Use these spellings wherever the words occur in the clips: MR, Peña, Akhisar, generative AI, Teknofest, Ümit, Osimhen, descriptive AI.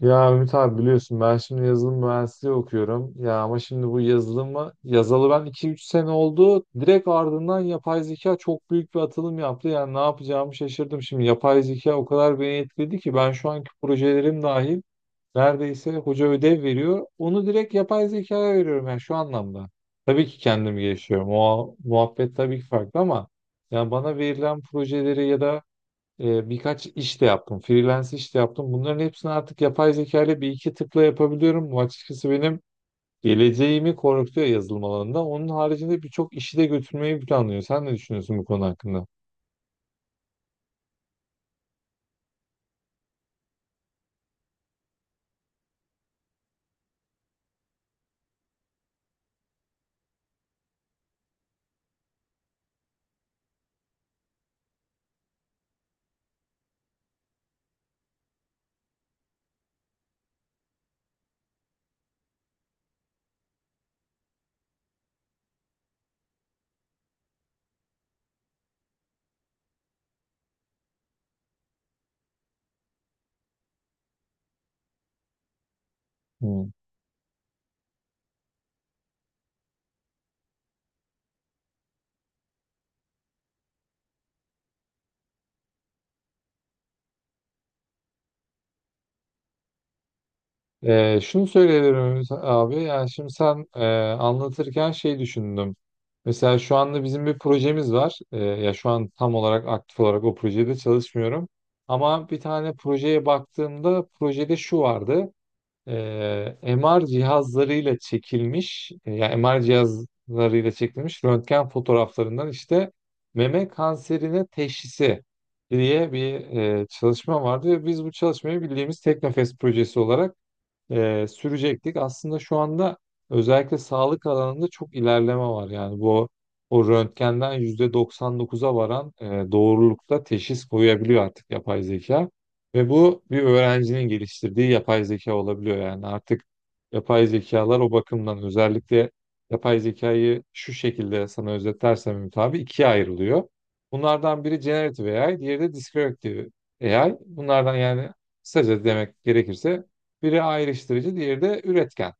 Ya Ümit abi biliyorsun ben şimdi yazılım mühendisliği okuyorum. Ya ama şimdi bu yazılımı yazalı ben iki üç sene oldu. Direkt ardından yapay zeka çok büyük bir atılım yaptı. Yani ne yapacağımı şaşırdım. Şimdi yapay zeka o kadar beni etkiledi ki ben şu anki projelerim dahil neredeyse hoca ödev veriyor. Onu direkt yapay zekaya veriyorum yani şu anlamda. Tabii ki kendim gelişiyorum. O muhabbet tabii ki farklı ama yani bana verilen projeleri ya da birkaç iş de yaptım. Freelance iş de yaptım. Bunların hepsini artık yapay zeka ile bir iki tıkla yapabiliyorum. Bu açıkçası benim geleceğimi korkutuyor yazılım alanında. Onun haricinde birçok işi de götürmeyi planlıyor. Sen ne düşünüyorsun bu konu hakkında? Hmm. Şunu söyleyebilirim abi. Yani şimdi sen anlatırken şey düşündüm. Mesela şu anda bizim bir projemiz var. Ya şu an tam olarak aktif olarak o projede çalışmıyorum. Ama bir tane projeye baktığımda projede şu vardı. MR cihazlarıyla çekilmiş, yani MR cihazlarıyla çekilmiş röntgen fotoğraflarından işte meme kanserine teşhisi diye bir çalışma vardı. Ve biz bu çalışmayı bildiğimiz Teknofest projesi olarak sürecektik. Aslında şu anda özellikle sağlık alanında çok ilerleme var. Yani bu o röntgenden %99'a varan doğrulukta teşhis koyabiliyor artık yapay zeka. Ve bu bir öğrencinin geliştirdiği yapay zeka olabiliyor. Yani artık yapay zekalar o bakımdan özellikle yapay zekayı şu şekilde sana özetlersem Ümit abi ikiye ayrılıyor. Bunlardan biri generative AI, diğeri de descriptive AI. Bunlardan yani kısaca demek gerekirse biri ayrıştırıcı, diğeri de üretken.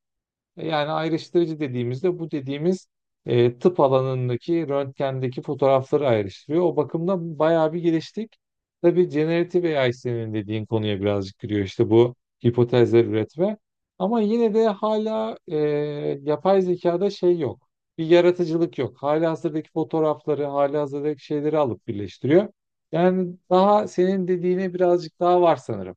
Yani ayrıştırıcı dediğimizde bu dediğimiz tıp alanındaki röntgendeki fotoğrafları ayrıştırıyor. O bakımdan bayağı bir geliştik. Tabii generative AI senin dediğin konuya birazcık giriyor işte bu hipotezler üretme. Ama yine de hala yapay zekada şey yok. Bir yaratıcılık yok. Halihazırdaki fotoğrafları, halihazırdaki şeyleri alıp birleştiriyor. Yani daha senin dediğine birazcık daha var sanırım.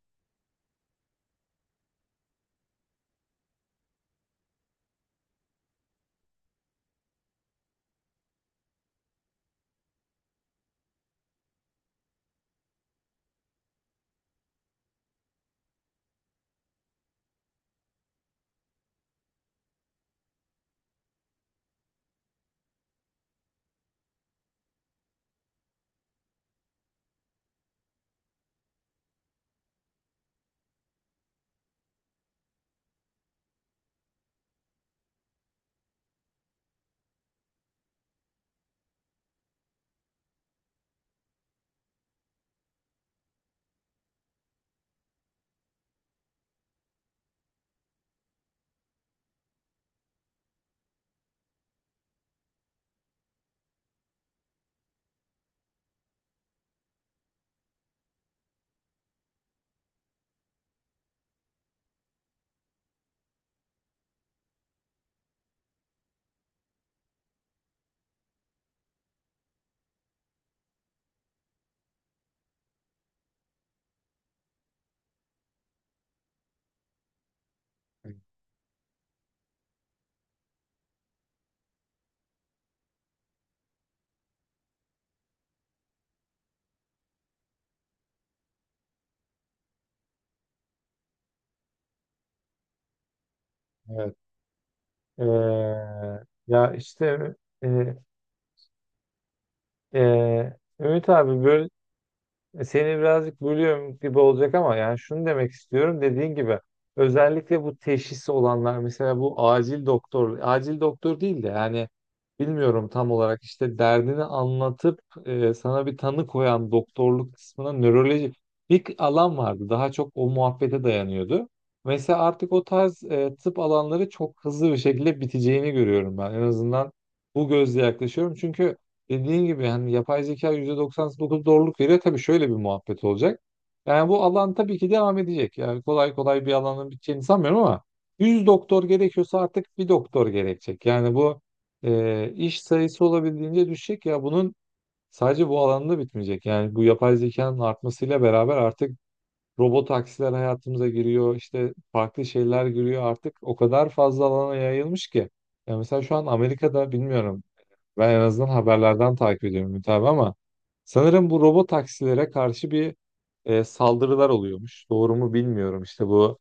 Evet. Ee, Ya işte e, Ümit abi böyle. Seni birazcık bölüyorum gibi olacak ama yani şunu demek istiyorum, dediğin gibi özellikle bu teşhis olanlar, mesela bu acil doktor, acil doktor değil de yani bilmiyorum tam olarak işte derdini anlatıp sana bir tanı koyan doktorluk kısmına nöroloji bir alan vardı, daha çok o muhabbete dayanıyordu. Mesela artık o tarz tıp alanları çok hızlı bir şekilde biteceğini görüyorum ben, en azından bu gözle yaklaşıyorum çünkü dediğin gibi hani yapay zeka %99 doğruluk veriyor. Tabii şöyle bir muhabbet olacak. Yani bu alan tabii ki devam edecek. Yani kolay kolay bir alanın biteceğini sanmıyorum ama 100 doktor gerekiyorsa artık bir doktor gerekecek. Yani bu iş sayısı olabildiğince düşecek ya, bunun sadece bu alanda bitmeyecek. Yani bu yapay zekanın artmasıyla beraber artık robot taksiler hayatımıza giriyor. İşte farklı şeyler giriyor. Artık o kadar fazla alana yayılmış ki. Ya mesela şu an Amerika'da bilmiyorum, ben en azından haberlerden takip ediyorum Ümit abi ama sanırım bu robot taksilere karşı bir saldırılar oluyormuş. Doğru mu bilmiyorum. İşte bu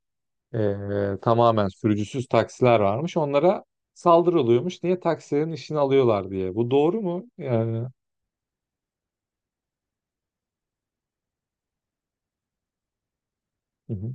tamamen sürücüsüz taksiler varmış. Onlara saldırı oluyormuş. Niye taksilerin işini alıyorlar diye. Bu doğru mu? Yani. Hı hı.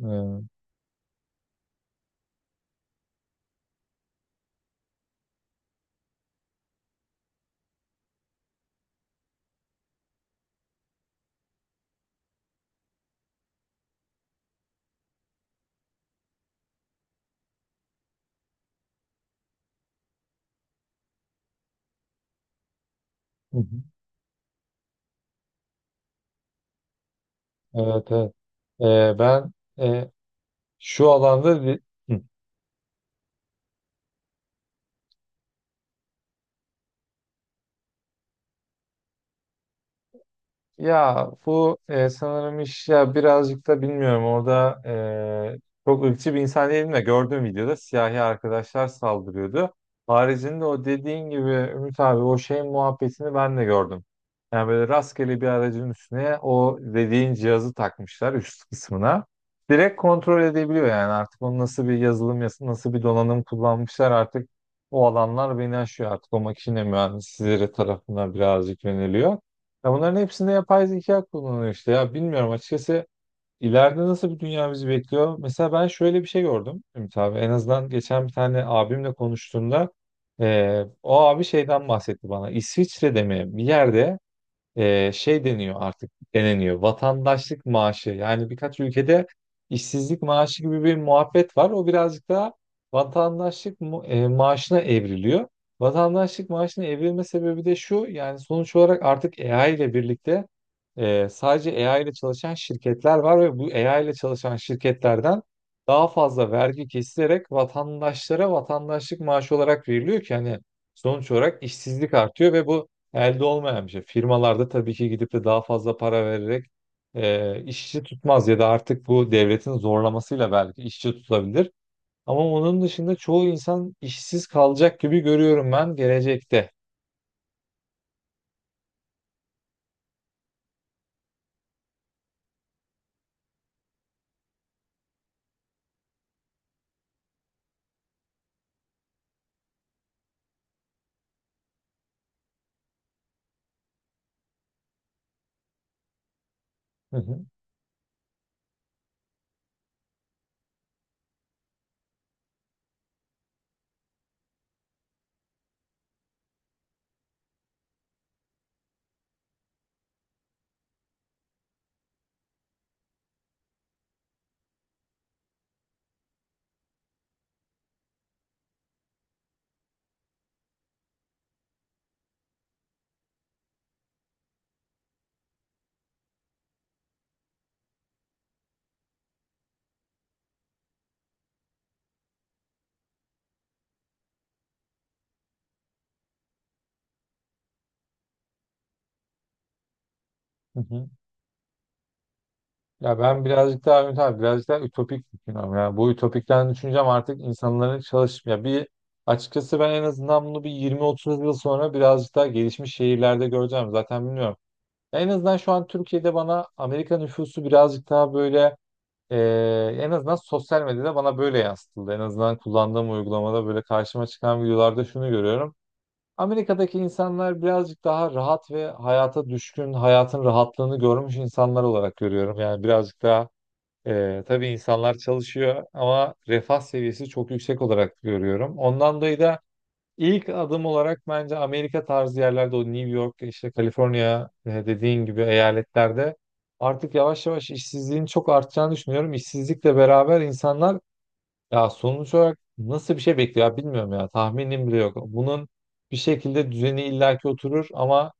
Hı hı. Evet, evet. E, ben e, şu alanda li- Hı. Ya bu sanırım iş, ya birazcık da bilmiyorum orada e, çok ırkçı bir insan değilim de gördüğüm videoda siyahi arkadaşlar saldırıyordu. Haricinde o dediğin gibi Ümit abi, o şeyin muhabbetini ben de gördüm. Yani böyle rastgele bir aracın üstüne o dediğin cihazı takmışlar üst kısmına. Direkt kontrol edebiliyor yani, artık onu nasıl bir yazılım, nasıl bir donanım kullanmışlar artık o alanlar beni aşıyor, artık o makine mühendisleri tarafından birazcık yöneliyor. Ya bunların hepsinde yapay zeka kullanılıyor işte. Ya bilmiyorum açıkçası ileride nasıl bir dünya bizi bekliyor. Mesela ben şöyle bir şey gördüm Ümit abi. En azından geçen bir tane abimle konuştuğumda o abi şeyden bahsetti bana. İsviçre'de mi bir yerde şey deniyor, artık deneniyor. Vatandaşlık maaşı. Yani birkaç ülkede işsizlik maaşı gibi bir muhabbet var. O birazcık daha vatandaşlık maaşına evriliyor. Vatandaşlık maaşına evrilme sebebi de şu. Yani sonuç olarak artık AI ile birlikte sadece AI ile çalışan şirketler var ve bu AI ile çalışan şirketlerden daha fazla vergi kesilerek vatandaşlara vatandaşlık maaşı olarak veriliyor ki hani sonuç olarak işsizlik artıyor ve bu elde olmayan bir şey. Firmalarda tabii ki gidip de daha fazla para vererek işçi tutmaz ya da artık bu devletin zorlamasıyla belki işçi tutabilir. Ama onun dışında çoğu insan işsiz kalacak gibi görüyorum ben gelecekte. Hı hı, hı hı. Ya ben birazcık daha Ümit abi birazcık daha ütopik düşünüyorum. Yani bu ütopikten düşüncem artık insanların çalışmaya bir, açıkçası ben en azından bunu bir 20-30 yıl sonra birazcık daha gelişmiş şehirlerde göreceğim. Zaten bilmiyorum. Ya, en azından şu an Türkiye'de bana Amerika nüfusu birazcık daha böyle, e, en azından sosyal medyada bana böyle yansıtıldı. En azından kullandığım uygulamada böyle karşıma çıkan videolarda şunu görüyorum. Amerika'daki insanlar birazcık daha rahat ve hayata düşkün, hayatın rahatlığını görmüş insanlar olarak görüyorum. Yani birazcık daha tabii insanlar çalışıyor ama refah seviyesi çok yüksek olarak görüyorum. Ondan dolayı da İlk adım olarak bence Amerika tarzı yerlerde, o New York, işte Kaliforniya dediğin gibi eyaletlerde artık yavaş yavaş işsizliğin çok artacağını düşünüyorum. İşsizlikle beraber insanlar, ya sonuç olarak nasıl bir şey bekliyor, ya bilmiyorum, ya tahminim bile yok. Bunun bir şekilde düzeni illaki oturur ama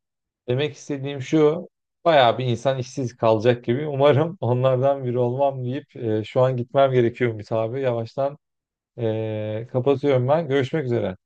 demek istediğim şu, bayağı bir insan işsiz kalacak gibi. Umarım onlardan biri olmam deyip şu an gitmem gerekiyormuş abi. Yavaştan kapatıyorum ben. Görüşmek üzere.